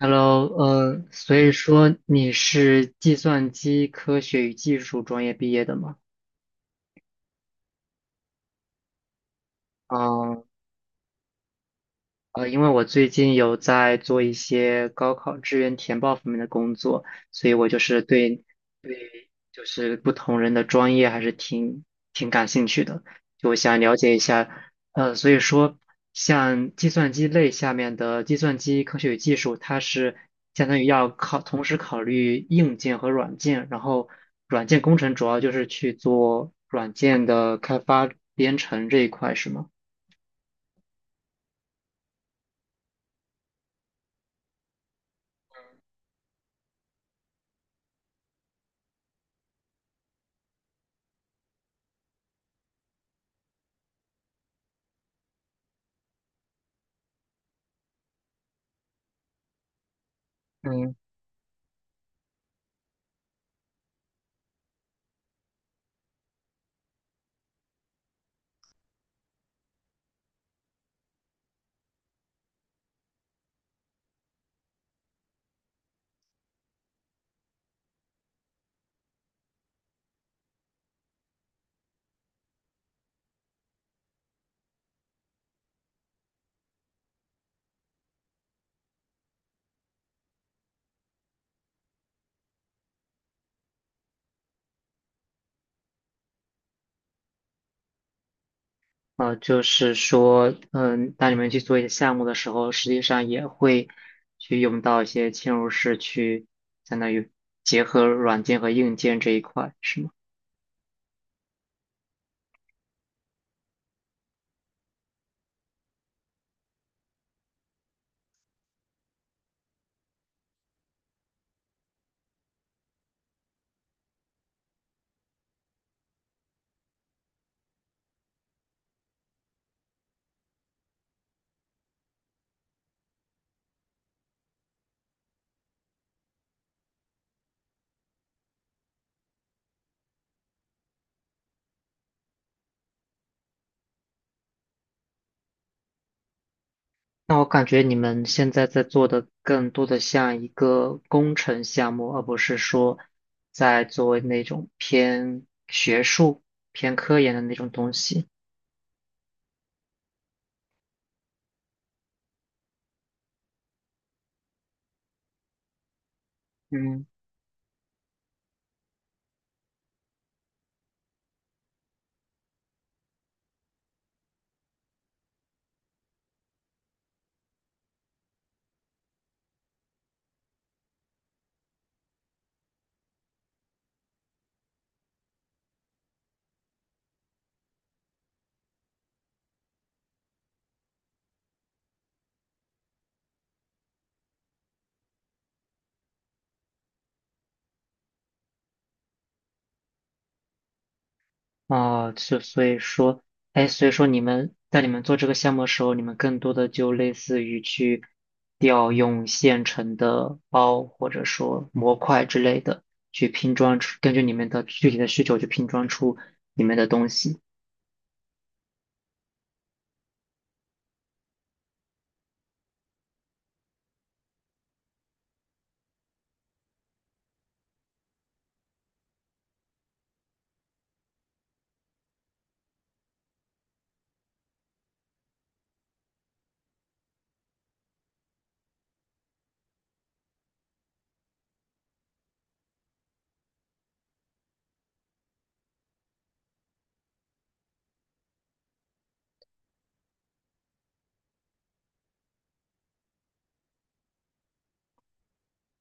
Hello，所以说你是计算机科学与技术专业毕业的吗？嗯。因为我最近有在做一些高考志愿填报方面的工作，所以我就是对就是不同人的专业还是挺感兴趣的，就我想了解一下。所以说，像计算机类下面的计算机科学与技术，它是相当于要考，同时考虑硬件和软件，然后软件工程主要就是去做软件的开发编程这一块，是吗？嗯。就是说，嗯，当你们去做一些项目的时候，实际上也会去用到一些嵌入式去，相当于结合软件和硬件这一块，是吗？那我感觉你们现在在做的更多的像一个工程项目，而不是说在做那种偏学术、偏科研的那种东西。嗯。啊，就所以说，哎，所以说你们在你们做这个项目的时候，你们更多的就类似于去调用现成的包或者说模块之类的，去拼装出，根据你们的具体的需求去拼装出你们的东西，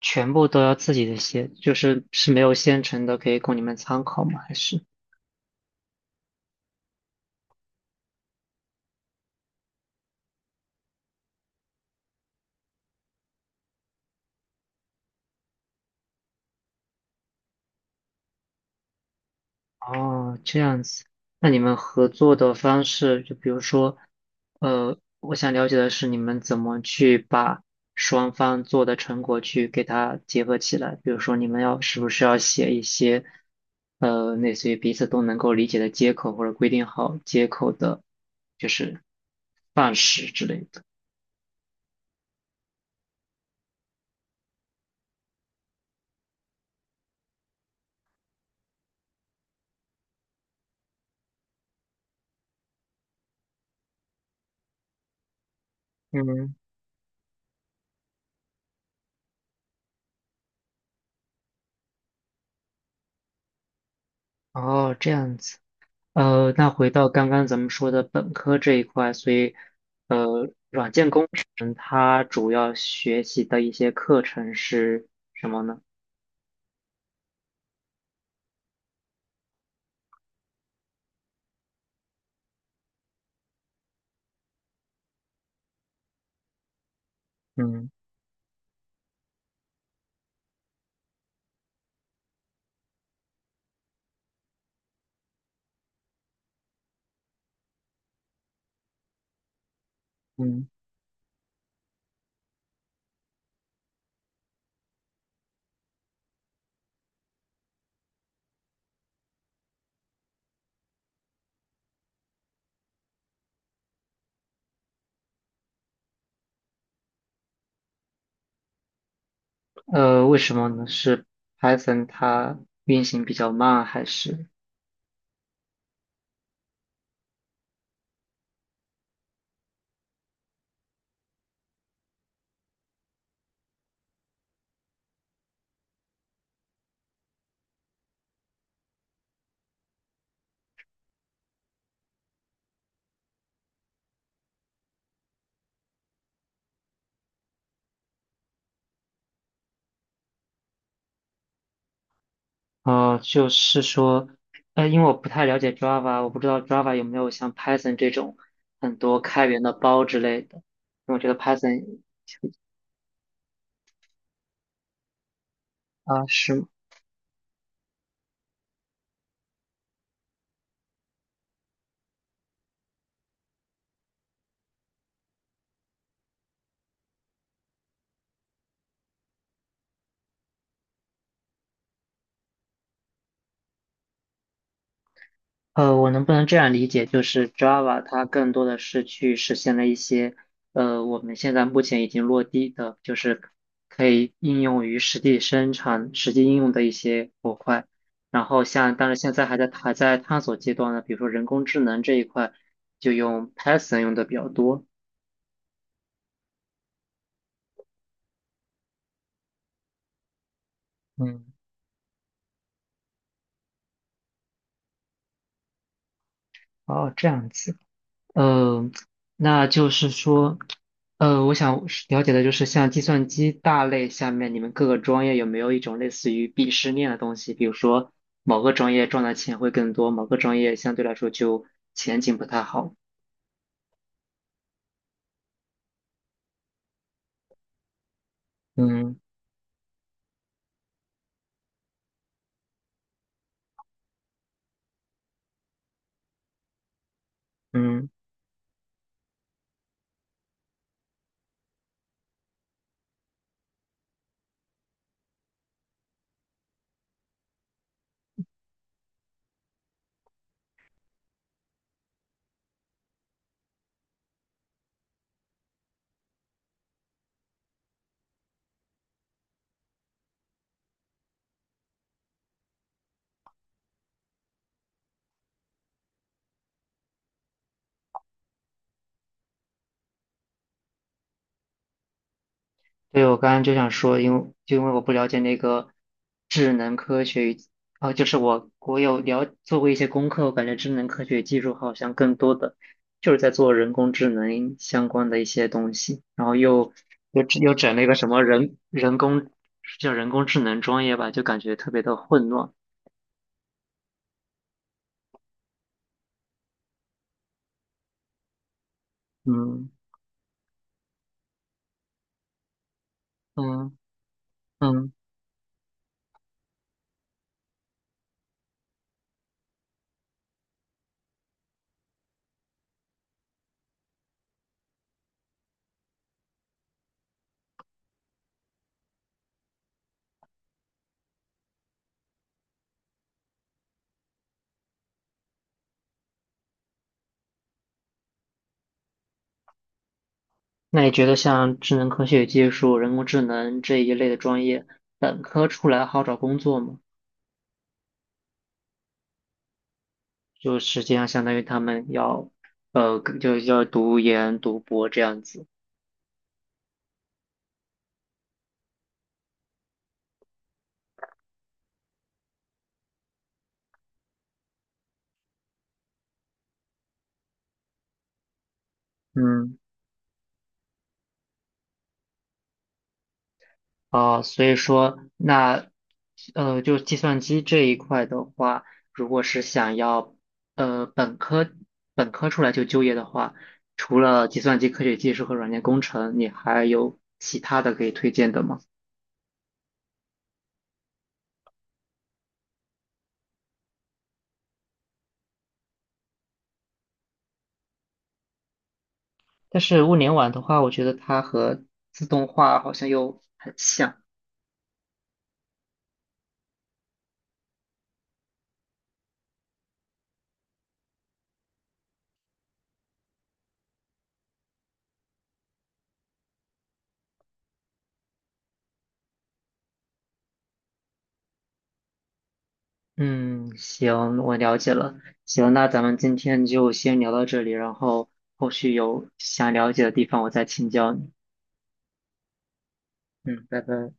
全部都要自己的写，就是是没有现成的可以供你们参考吗？还是？哦，这样子，那你们合作的方式，就比如说，我想了解的是你们怎么去把双方做的成果去给它结合起来。比如说，你们要是不是要写一些，类似于彼此都能够理解的接口，或者规定好接口的，就是范式之类的。嗯。哦，这样子。那回到刚刚咱们说的本科这一块，所以，软件工程它主要学习的一些课程是什么呢？嗯。嗯。为什么呢？是 Python 它运行比较慢，还是？就是说，因为我不太了解 Java,我不知道 Java 有没有像 Python 这种很多开源的包之类的，因为我觉得 Python 啊，是。我能不能这样理解，就是 Java 它更多的是去实现了一些，我们现在目前已经落地的，就是可以应用于实际生产、实际应用的一些模块。然后像，但是现在还在探索阶段呢，比如说人工智能这一块，就用 Python 用的比较多。嗯。哦，这样子。呃，那就是说，我想是了解的就是，像计算机大类下面，你们各个专业有没有一种类似于鄙视链的东西？比如说，某个专业赚的钱会更多，某个专业相对来说就前景不太好。嗯。嗯。对，我刚刚就想说，因为就因为我不了解那个智能科学与，哦，就是我有了做过一些功课，我感觉智能科学技术好像更多的就是在做人工智能相关的一些东西，然后又整了一个什么人人工叫人工智能专业吧，就感觉特别的混乱。嗯。嗯。嗯，那你觉得像智能科学技术、人工智能这一类的专业，本科出来好找工作吗？就实际上相当于他们要，就要读研、读博这样子。嗯。啊，所以说那，就计算机这一块的话，如果是想要，呃，本科本科出来就就业的话，除了计算机科学技术和软件工程，你还有其他的可以推荐的吗？但是物联网的话，我觉得它和自动化好像又很像。嗯，行，我了解了。行，那咱们今天就先聊到这里，然后后续有想了解的地方，我再请教你。嗯，拜拜。